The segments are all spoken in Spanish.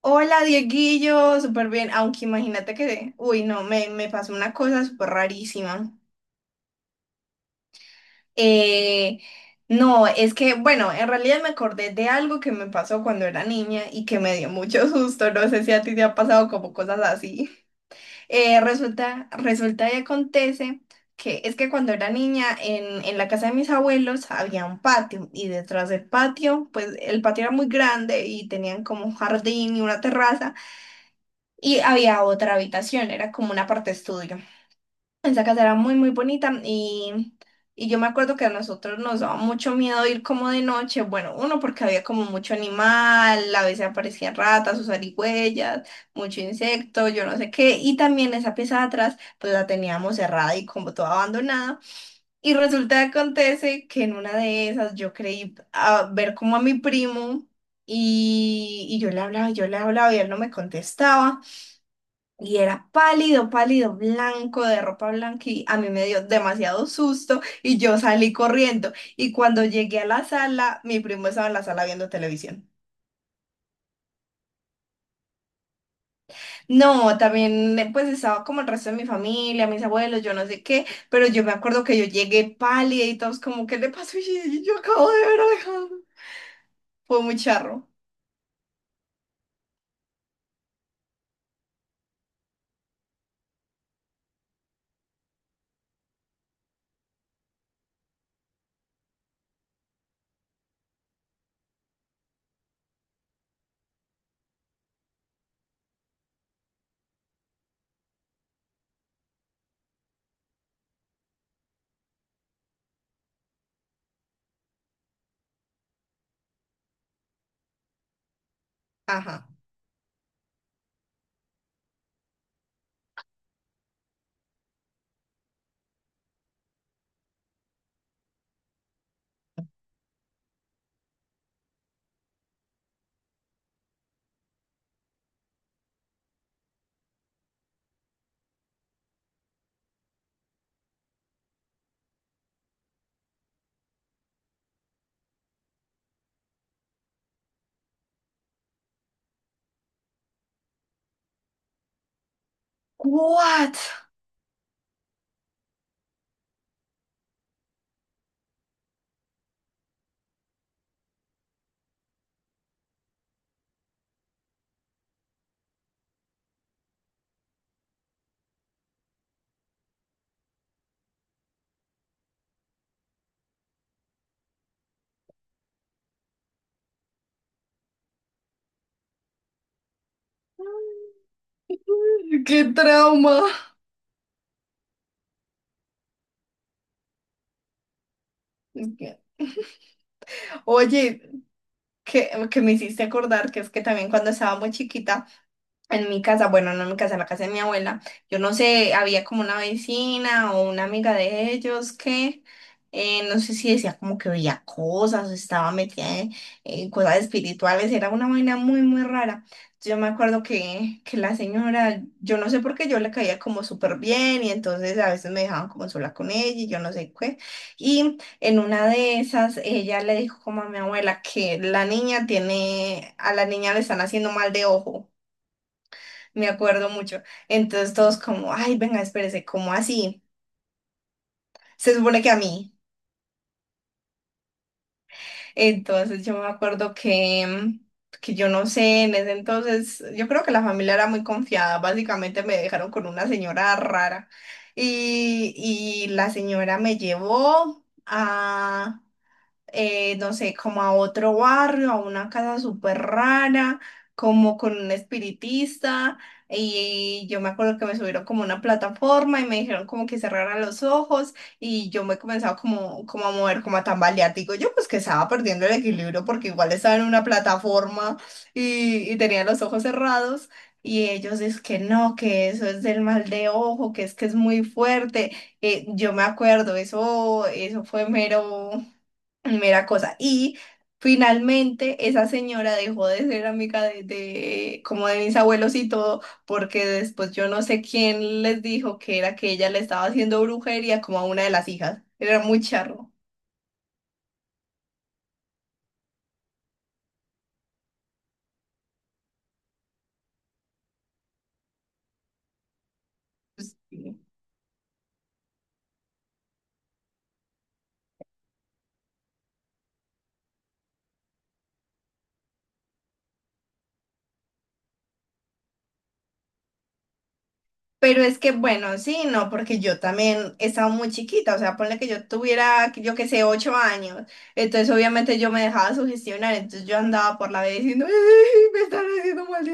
Hola, Dieguillo, súper bien, aunque imagínate que, uy, no, me pasó una cosa súper rarísima. Eh, no, es que, bueno, en realidad me acordé de algo que me pasó cuando era niña y que me dio mucho susto, no sé si a ti te ha pasado como cosas así. Resulta y acontece que es que cuando era niña en la casa de mis abuelos había un patio y detrás del patio, pues el patio era muy grande y tenían como un jardín y una terraza. Y había otra habitación, era como una parte estudio. Esa casa era muy, muy bonita y yo me acuerdo que a nosotros nos daba mucho miedo ir como de noche. Bueno, uno porque había como mucho animal, a veces aparecían ratas o zarigüeyas, mucho insecto, yo no sé qué. Y también esa pieza de atrás, pues la teníamos cerrada y como toda abandonada. Y resulta que acontece que en una de esas yo creí a ver como a mi primo y, y yo le hablaba y él no me contestaba. Y era pálido, pálido, blanco, de ropa blanca, y a mí me dio demasiado susto y yo salí corriendo. Y cuando llegué a la sala, mi primo estaba en la sala viendo televisión. No, también pues estaba como el resto de mi familia, mis abuelos, yo no sé qué, pero yo me acuerdo que yo llegué pálida y todos como, ¿qué le pasó? Y yo: "Yo acabo de ver algo". Fue muy charro. Ajá. ¿What? ¡Qué trauma! Oye, que me hiciste acordar que es que también cuando estaba muy chiquita. En mi casa, bueno, no en mi casa, en la casa de mi abuela, yo no sé, había como una vecina o una amiga de ellos que no sé si decía como que veía cosas o estaba metida en cosas espirituales, era una vaina muy, muy rara. Yo me acuerdo que la señora, yo no sé por qué yo le caía como súper bien y entonces a veces me dejaban como sola con ella y yo no sé qué. Y en una de esas, ella le dijo como a mi abuela que la niña tiene, a la niña le están haciendo mal de ojo, me acuerdo mucho. Entonces todos como, ay, venga, espérese, ¿cómo así? Se supone que a mí. Entonces yo me acuerdo que, que yo no sé, en ese entonces, yo creo que la familia era muy confiada, básicamente me dejaron con una señora rara y la señora me llevó a... no sé, como a otro barrio, a una casa súper rara, como con un espiritista. Y yo me acuerdo que me subieron como a una plataforma y me dijeron como que cerrara los ojos y yo me comenzaba como, como a mover, como a tambalear. Digo yo pues que estaba perdiendo el equilibrio porque igual estaba en una plataforma y tenía los ojos cerrados. Y ellos dicen que no, que eso es del mal de ojo, que es muy fuerte. Yo me acuerdo, eso fue mero. Mera cosa. Y finalmente esa señora dejó de ser amiga de- como de mis abuelos y todo, porque después yo no sé quién les dijo que era que ella le estaba haciendo brujería como a una de las hijas. Era muy charro. Pues, sí. Pero es que bueno, sí, no, porque yo también estaba muy chiquita, o sea, ponle que yo tuviera, yo qué sé, ocho años, entonces obviamente yo me dejaba sugestionar, entonces yo andaba por la vida diciendo, "Ay, me están haciendo mal".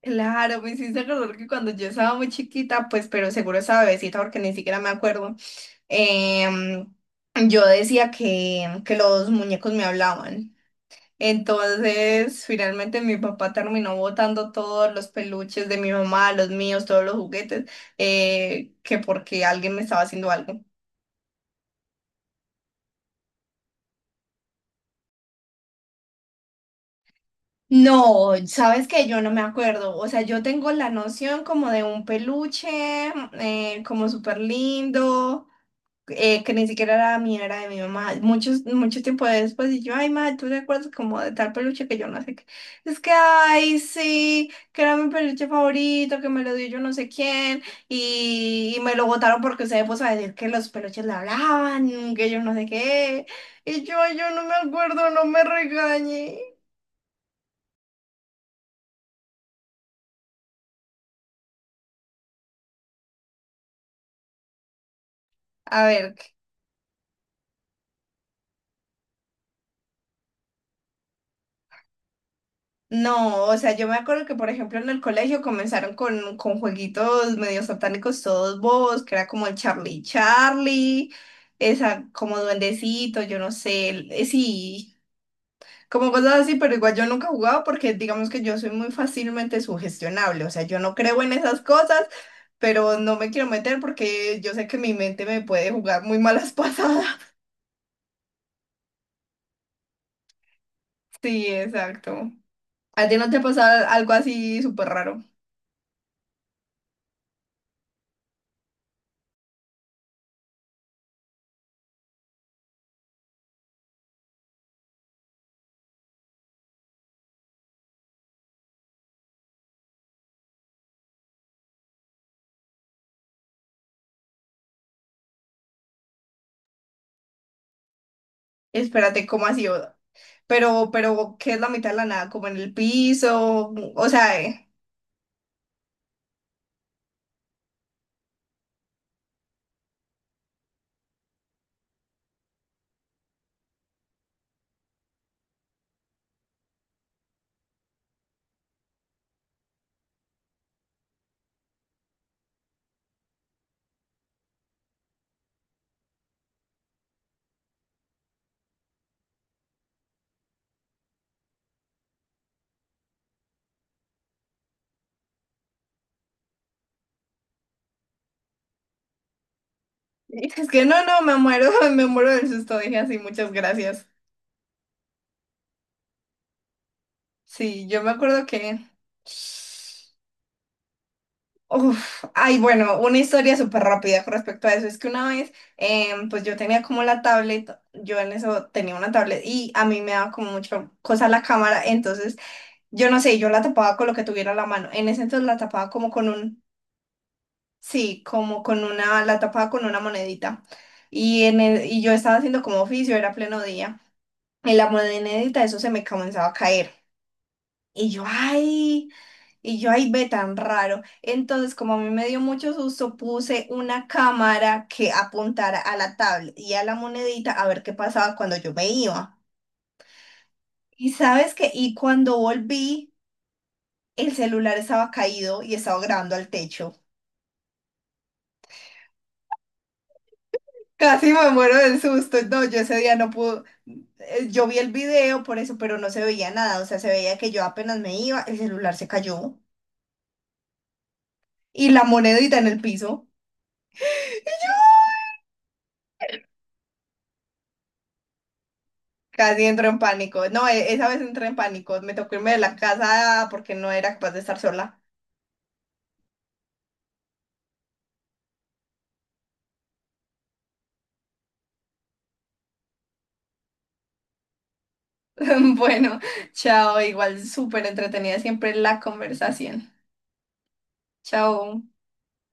Claro, me hiciste acordar que cuando yo estaba muy chiquita, pues, pero seguro estaba bebecita porque ni siquiera me acuerdo. em, yo decía que los muñecos me hablaban. Entonces, finalmente mi papá terminó botando todos los peluches de mi mamá, los míos, todos los juguetes, que porque alguien me estaba haciendo algo. No, sabes que yo no me acuerdo, o sea, yo tengo la noción como de un peluche, como súper lindo. Que ni siquiera era mía, era de mi mamá. Muchos, mucho tiempo después, y yo, ay, madre, ¿tú te acuerdas como de tal peluche que yo no sé qué? Es que, ay, sí, que era mi peluche favorito, que me lo dio yo no sé quién, y me lo botaron porque se puso a decir que los peluches le hablaban, que yo no sé qué. Y yo: "Ay, yo no me acuerdo, no me regañe". A ver. No, o sea, yo me acuerdo que, por ejemplo, en el colegio comenzaron con jueguitos medio satánicos todos bobos, que era como el Charlie Charlie, esa como duendecito, yo no sé, el- sí, como cosas así, pero igual yo nunca jugaba porque digamos que yo soy muy fácilmente sugestionable, o sea, yo no creo en esas cosas, pero no me quiero meter porque yo sé que mi mente me puede jugar muy malas pasadas. Sí, exacto. ¿A ti no te ha pasado algo así súper raro? Espérate, ¿cómo así? Pero, ¿qué es la mitad de la nada? Como en el piso. O sea, es que no, no, me muero, me muero del susto. Dije así, muchas gracias. Sí, yo me acuerdo que. Uf, ay, bueno, una historia súper rápida con respecto a eso. Es que una vez, pues yo tenía como la tablet, yo en eso tenía una tablet y a mí me daba como mucha cosa la cámara, entonces yo no sé, yo la tapaba con lo que tuviera a la mano. En ese entonces la tapaba como con un. Sí, como con una, la tapaba con una monedita. Y, en el- y yo estaba haciendo como oficio, era pleno día. Y la monedita, eso se me comenzaba a caer. Y yo, ay, y yo, ay, ve tan raro. Entonces, como a mí me dio mucho susto, puse una cámara que apuntara a la tablet y a la monedita a ver qué pasaba cuando yo me iba. Y sabes que, y cuando volví, el celular estaba caído y estaba grabando al techo. Casi me muero del susto. No, yo ese día no pude. Yo vi el video por eso, pero no se veía nada. O sea, se veía que yo apenas me iba, el celular se cayó y la monedita en el piso. Casi entro en pánico. No, e- esa vez entré en pánico. Me tocó irme de la casa porque no era capaz de estar sola. Bueno, chao. Igual súper entretenida siempre la conversación. Chao.